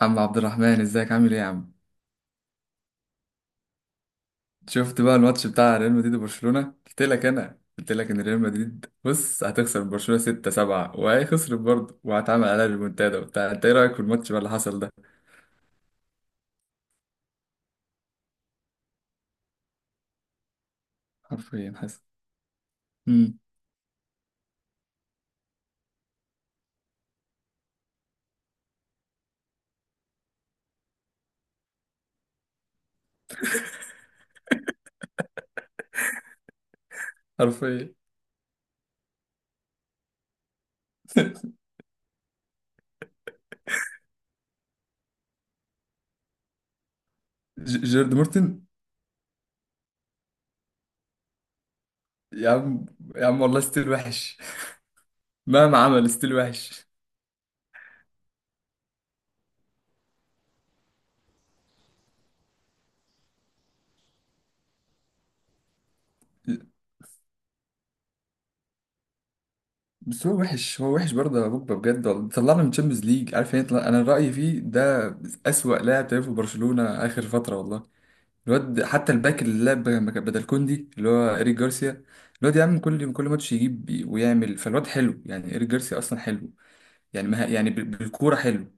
عم عبد الرحمن، ازيك عامل ايه يا عم؟ شفت بقى الماتش بتاع ريال مدريد وبرشلونة؟ قلت لك، انا قلت لك ان ريال مدريد، بص، هتخسر برشلونة 6 7، وهي خسرت برضه وهتعمل عليها ريمونتادا وبتاع. انت ايه رايك في الماتش بقى اللي حصل ده؟ حرفيا حصل. امم حرفيا. جيرد مورتن. يا عم، يا عم والله ستيل وحش. مهما عمل ستيل وحش. بس هو وحش، هو وحش برضه يا بوجبا، بجد والله طلعنا من تشامبيونز ليج، عارف يعني؟ انا رأيي فيه ده أسوأ لاعب تلعب في برشلونة آخر فترة والله. الواد حتى الباك اللي لعب بدل كوندي اللي هو إيريك جارسيا. الواد يا عم، كل ماتش يجيب ويعمل. فالواد حلو يعني إيريك جارسيا أصلا حلو. يعني مها يعني، بالكورة حلو.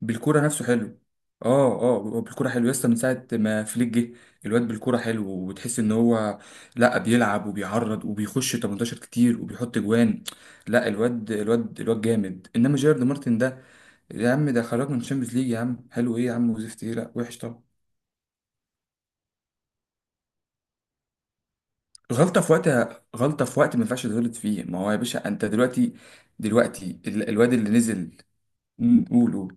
بالكورة نفسه حلو. اه هو بالكورة حلو لسه من ساعة ما فليك جه. الواد بالكورة حلو وتحس إن هو، لا، بيلعب وبيعرض وبيخش 18 كتير وبيحط جوان. لا الواد جامد، إنما جيرد مارتن ده يا عم، ده خرج من الشامبيونز ليج يا عم. حلو إيه يا عم وزفت إيه؟ لا وحش طبعا. غلطة في وقتها، غلطة في وقت ما ينفعش تغلط فيه. ما هو يا باشا انت دلوقتي، دلوقتي الواد اللي نزل. قولوا.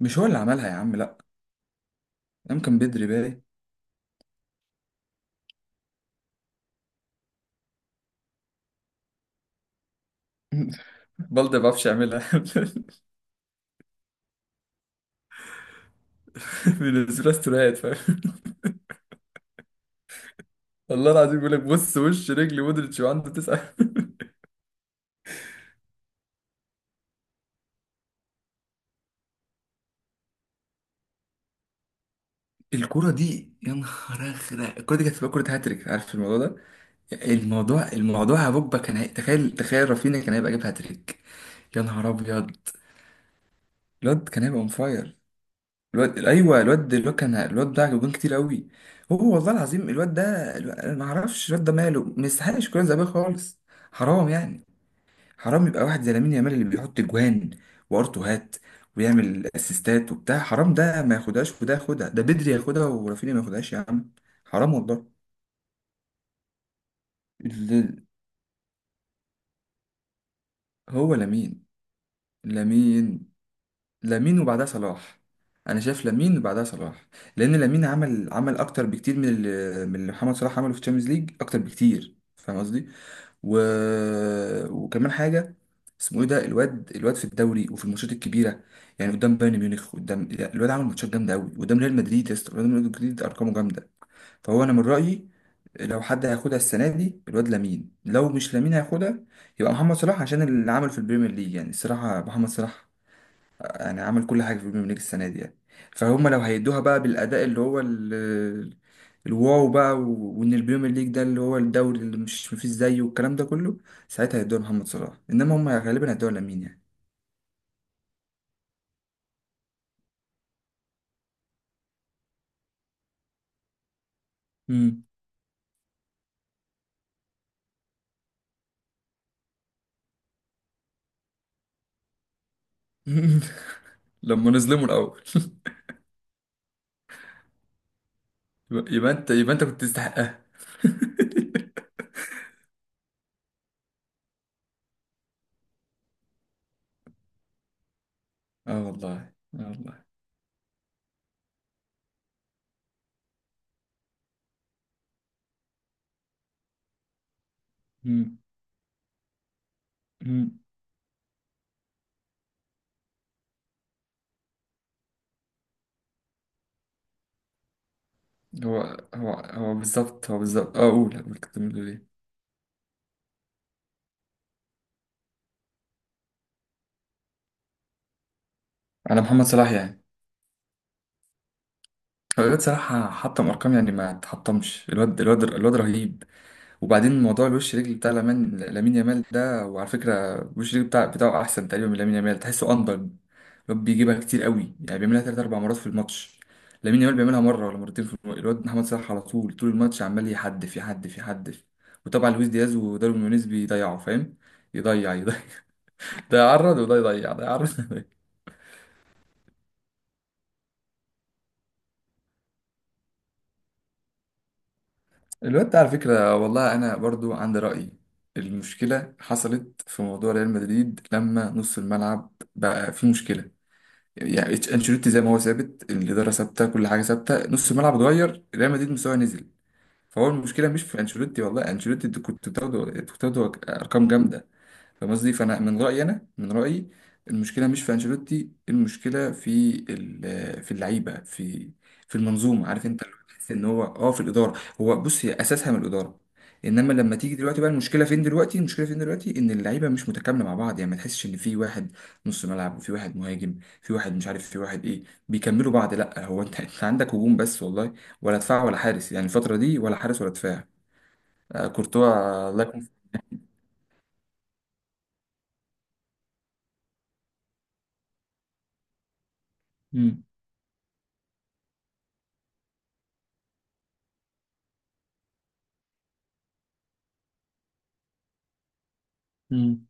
مش هو اللي عملها يا عم، لا. يمكن بدري بالي. بلدي ما بعرفش اعملها. بينزلها استوريات فاهم. والله العظيم بيقول لك، بص، وش رجلي مودريتش، وعنده تسعة. الكرة دي يا نهار ازرق، الكرة دي كانت هتبقى كرة هاتريك، عارف الموضوع ده؟ الموضوع يا بوجبا كان تخيل تخيل رافينيا كان هيبقى جايب هاتريك. يا نهار ابيض، الواد كان هيبقى اون فاير. الواد، ايوه الواد، الواد كان الواد ده جوان كتير قوي. هو والله العظيم الواد ده، انا ما اعرفش الواد ده ماله، ما يستحقش كرة ذهبية خالص. حرام يعني. حرام يبقى واحد زي لامين يامال اللي بيحط جوان وارتوهات ويعمل اسيستات وبتاع، حرام ده ما ياخدهاش وده ياخدها، ده بدري ياخدها ورافينيا ما ياخدهاش يا عم. حرام والله. ال- هو لامين. لامين لامين وبعدها صلاح. انا شايف لامين وبعدها صلاح. لان لامين عمل اكتر بكتير من اللي، من اللي محمد صلاح عمله في الشامبيونز ليج، اكتر بكتير فاهم قصدي. و... وكمان حاجه، اسمه ايه ده، الواد في الدوري وفي الماتشات الكبيره، يعني قدام بايرن ميونخ، قدام لا، الواد عمل ماتشات جامده قوي قدام ريال مدريد، يا اسطى قدام ريال مدريد ارقامه جامده. فهو انا من رايي لو حد هياخدها السنه دي، الواد لامين. لو مش لامين هياخدها يبقى محمد صلاح، عشان اللي عمله في البريمير ليج. يعني الصراحه محمد صلاح يعني عمل كل حاجة في البريمير ليج السنة دي يعني. فهم لو هيدوها بقى بالأداء اللي هو الواو بقى، وإن البريمير ليج ده اللي هو الدوري اللي مش مفيش زيه، والكلام ده كله، ساعتها هيدوها محمد صلاح، إنما هم غالبا هيدوها لامين يعني. مم. لما نظلموا الأول. يبقى أنت، يبقى أنت كنت تستحقها. اه والله. اه والله. مم. مم. هو، هو بالظبط، هو بالظبط، اه قول كنت بتقول ايه؟ على محمد صلاح يعني. الواد صراحة حطم أرقام يعني ما تحطمش. الواد رهيب. وبعدين موضوع الوش رجل بتاع لامين، لامين يامال ده. وعلى فكرة الوش رجل بتاع بتاعه أحسن تقريبا من لامين يامال، تحسه أندر. الواد بيجيبها كتير قوي يعني، بيعملها تلات أربع مرات في الماتش. لامين يامال بيعملها مرة ولا مرتين في الواد محمد صلاح على طول، طول الماتش عمال يحدف يحدف يحدف. وطبعا لويس دياز وداروين نونيز بيضيعوا فاهم. يضيع يضيع. ده يعرض وده يضيع، ده يعرض. الواد ده على فكرة والله أنا برضو عندي رأي. المشكلة حصلت في موضوع ريال مدريد لما نص الملعب بقى فيه مشكلة. يعني أنشيلوتي زي ما هو ثابت، الإدارة ثابتة، كل حاجة ثابتة، نص الملعب اتغير، ريال مدريد مستواه نزل. فهو المشكلة مش في أنشيلوتي والله. أنشيلوتي أنت كنت بتاخده، كنت بتاخده أرقام جامدة. فاهم قصدي؟ فانا من رايي، انا من رايي المشكله مش في انشيلوتي، المشكله في في اللعيبه، في المنظومه. عارف انت، اللي هو تحس ان هو، اه، في الاداره. هو بص، هي اساسها من الاداره. انما لما تيجي دلوقتي بقى، المشكله فين دلوقتي؟ المشكله فين دلوقتي؟ ان اللعيبه مش متكامله مع بعض، يعني ما تحسش ان في واحد نص ملعب وفي واحد مهاجم، في واحد مش عارف في واحد ايه بيكملوا بعض. لا هو انت انت عندك هجوم بس والله، ولا دفاع ولا حارس يعني الفتره دي، ولا حارس ولا دفاع. كورتوا، الله يكون في-. مم. مم.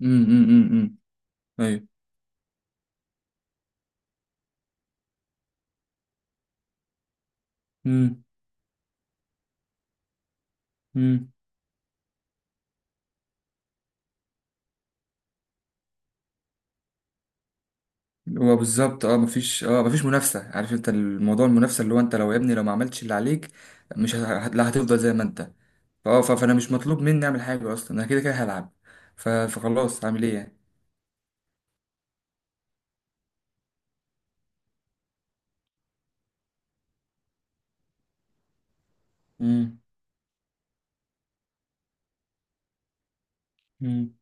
مم. مم. مم. ايوه. امم امم. هو بالظبط، اه مفيش، مفيش منافسه. عارف انت الموضوع؟ المنافسه اللي هو انت لو، يا ابني لو ما عملتش اللي عليك، مش ه... لا هتفضل زي ما انت. فانا مش مطلوب مني اعمل حاجه اصلا، انا كده كده هلعب. فخلاص، عامل ايه يعني؟ امم امم.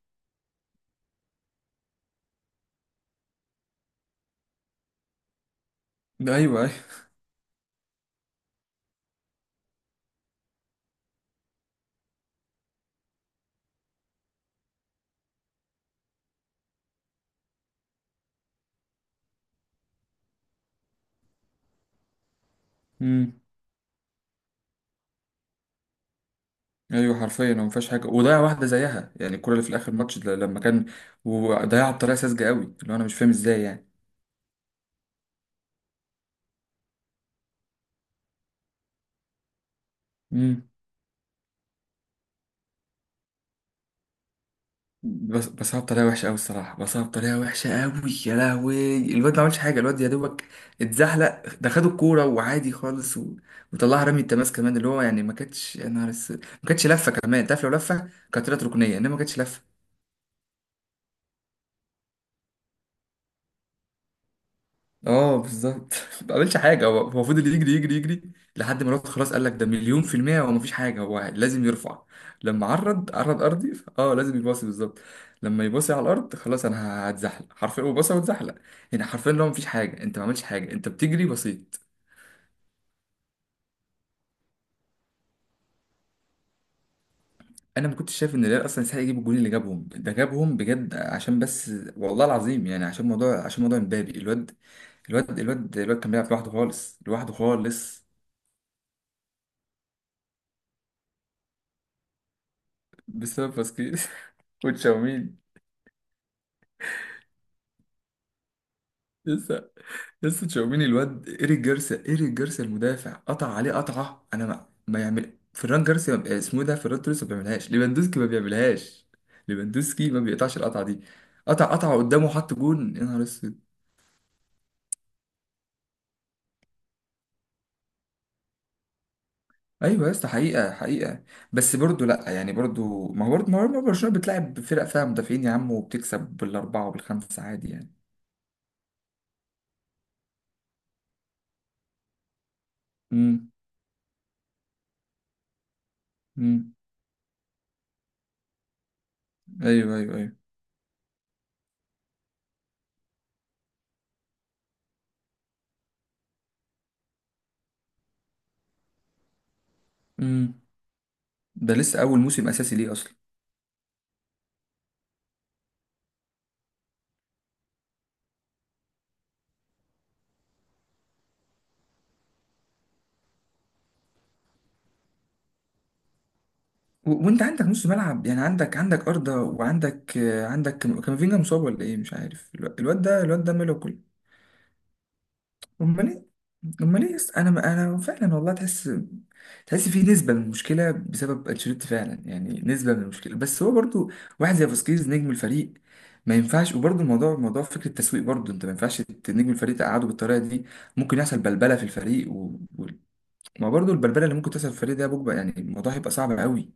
ده ايوه ايوه. امم. ايوه حرفيا ما فيهاش حاجه. وضيع واحده زيها يعني الكره اللي في الاخر ماتش ده لما كان، وضيعها بطريقه ساذجه قوي، اللي هو انا مش فاهم ازاي يعني. بس هو بطريقه وحشه قوي الصراحه، بس هو بطريقه وحشه قوي. يا لهوي الواد ما عملش حاجه، الواد يا دوبك اتزحلق، ده خد الكوره وعادي خالص. و... وطلعها رمي التماس كمان، اللي هو يعني ما كانتش، يا نهار اسود ما كانتش لفه كمان، تعرف لو لفه كانت طلعت ركنيه، انما ما كانتش لفه. اه بالظبط. ما عملش حاجه هو. هو فضل يجري يجري يجري لحد ما الوقت خلاص. قال لك ده مليون في المية، هو مفيش حاجه، هو لازم يرفع. لما عرض ارضي، اه لازم يباصي بالظبط. لما يباصي على الارض خلاص انا هتزحلق، حرفيا هو باصي واتزحلق. يعني حرفيا لو مفيش حاجه انت ما عملتش حاجه، انت بتجري بسيط. انا ما كنتش شايف ان الريال اصلا يستحق يجيب الجول، اللي جابهم ده جابهم بجد، عشان بس والله العظيم يعني، عشان موضوع، عشان موضوع امبابي. الواد الواد كان بيلعب لوحده خالص، لوحده خالص. بسبب باسكيز. وتشاوميني. لسه، لسه تشاوميني، الواد إيريك جارسيا، إيريك جارسيا المدافع قطع عليه قطعة. أنا ما يعمل فران جارسيا، اسمه إيه ده، فران توريس، ما بيعملهاش، ليفاندوسكي ما بيعملهاش، ليفاندوسكي ما بيقطعش القطعة دي. قطع قطعة قدامه حط جون، يا نهار اسود. ايوه يا اسطى، حقيقة حقيقة. بس برضه، لا يعني، برضه ما هو، برضه ما هو برشلونة بتلعب فرق فيها مدافعين يا عم وبتكسب بالأربعة وبالخمسة عادي يعني. امم. امم. ايوه ايوه ايوه. امم. ده لسه أول موسم أساسي ليه أصلا. وانت عندك نص ملعب يعني، عندك، عندك أرضة، وعندك، عندك كامافينجا مصاب ولا ايه مش عارف، الواد ده، الواد ده ماله كله؟ امال ايه. امال ايه؟ انا، انا فعلا والله تحس، تحس في نسبة من المشكلة بسبب انشيلوتي فعلا يعني، نسبة من المشكلة. بس هو برضو واحد زي فاسكيز نجم الفريق، ما ينفعش. وبرضو الموضوع موضوع فكرة التسويق. برضو انت ما ينفعش نجم الفريق تقعده بالطريقة دي. ممكن يحصل بلبلة في الفريق و... و... ما برضو البلبلة اللي ممكن تحصل في الفريق ده بوجبة، يعني الموضوع هيبقى صعب قوي.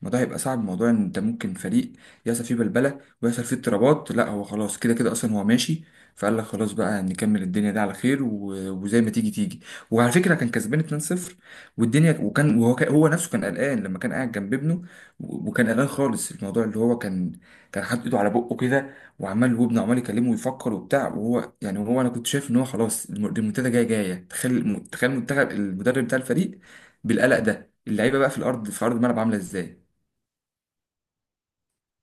الموضوع هيبقى صعب، موضوع ان انت ممكن فريق يحصل فيه بلبله ويحصل فيه اضطرابات. لا هو خلاص كده كده اصلا هو ماشي، فقال لك خلاص بقى نكمل الدنيا دي على خير، وزي ما تيجي تيجي. وعلى فكره كان كسبان 2-0 والدنيا، وكان، وهو هو نفسه كان قلقان لما كان قاعد جنب ابنه. وكان قلقان خالص. الموضوع اللي هو كان، كان حاطط ايده على بقه كده وعمال، وابنه عمال يكلمه ويفكر وبتاع، وهو يعني هو، انا كنت شايف ان هو خلاص المنتدى جايه جايه. تخيل تخيل المنتخب، المدرب بتاع الفريق بالقلق ده، اللعيبه بقى في الارض في ارض الملعب عامله ازاي؟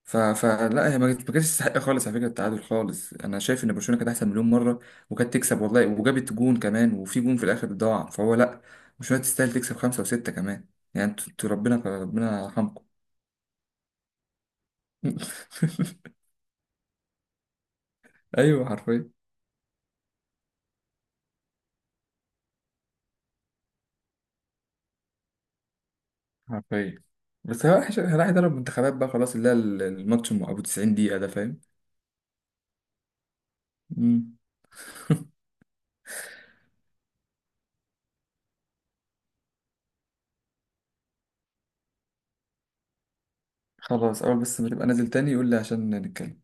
فلا هي، ما كانتش تستحق خالص على فكره التعادل خالص، انا شايف ان برشلونه كانت احسن مليون مره وكانت تكسب والله، وجابت جون كمان، وفي جون في الاخر ضاع. فهو لا، برشلونه تستاهل تكسب 5 و6 كمان. يعني انتوا ربنا، ربنا يرحمكم. ايوه حرفيا حرفيا. بس هو راح يدرب منتخبات بقى خلاص، اللي هي الماتش ابو 90 دقيقه ده فاهم. مم. خلاص، اول بس ما تبقى نازل تاني يقول لي عشان نتكلم.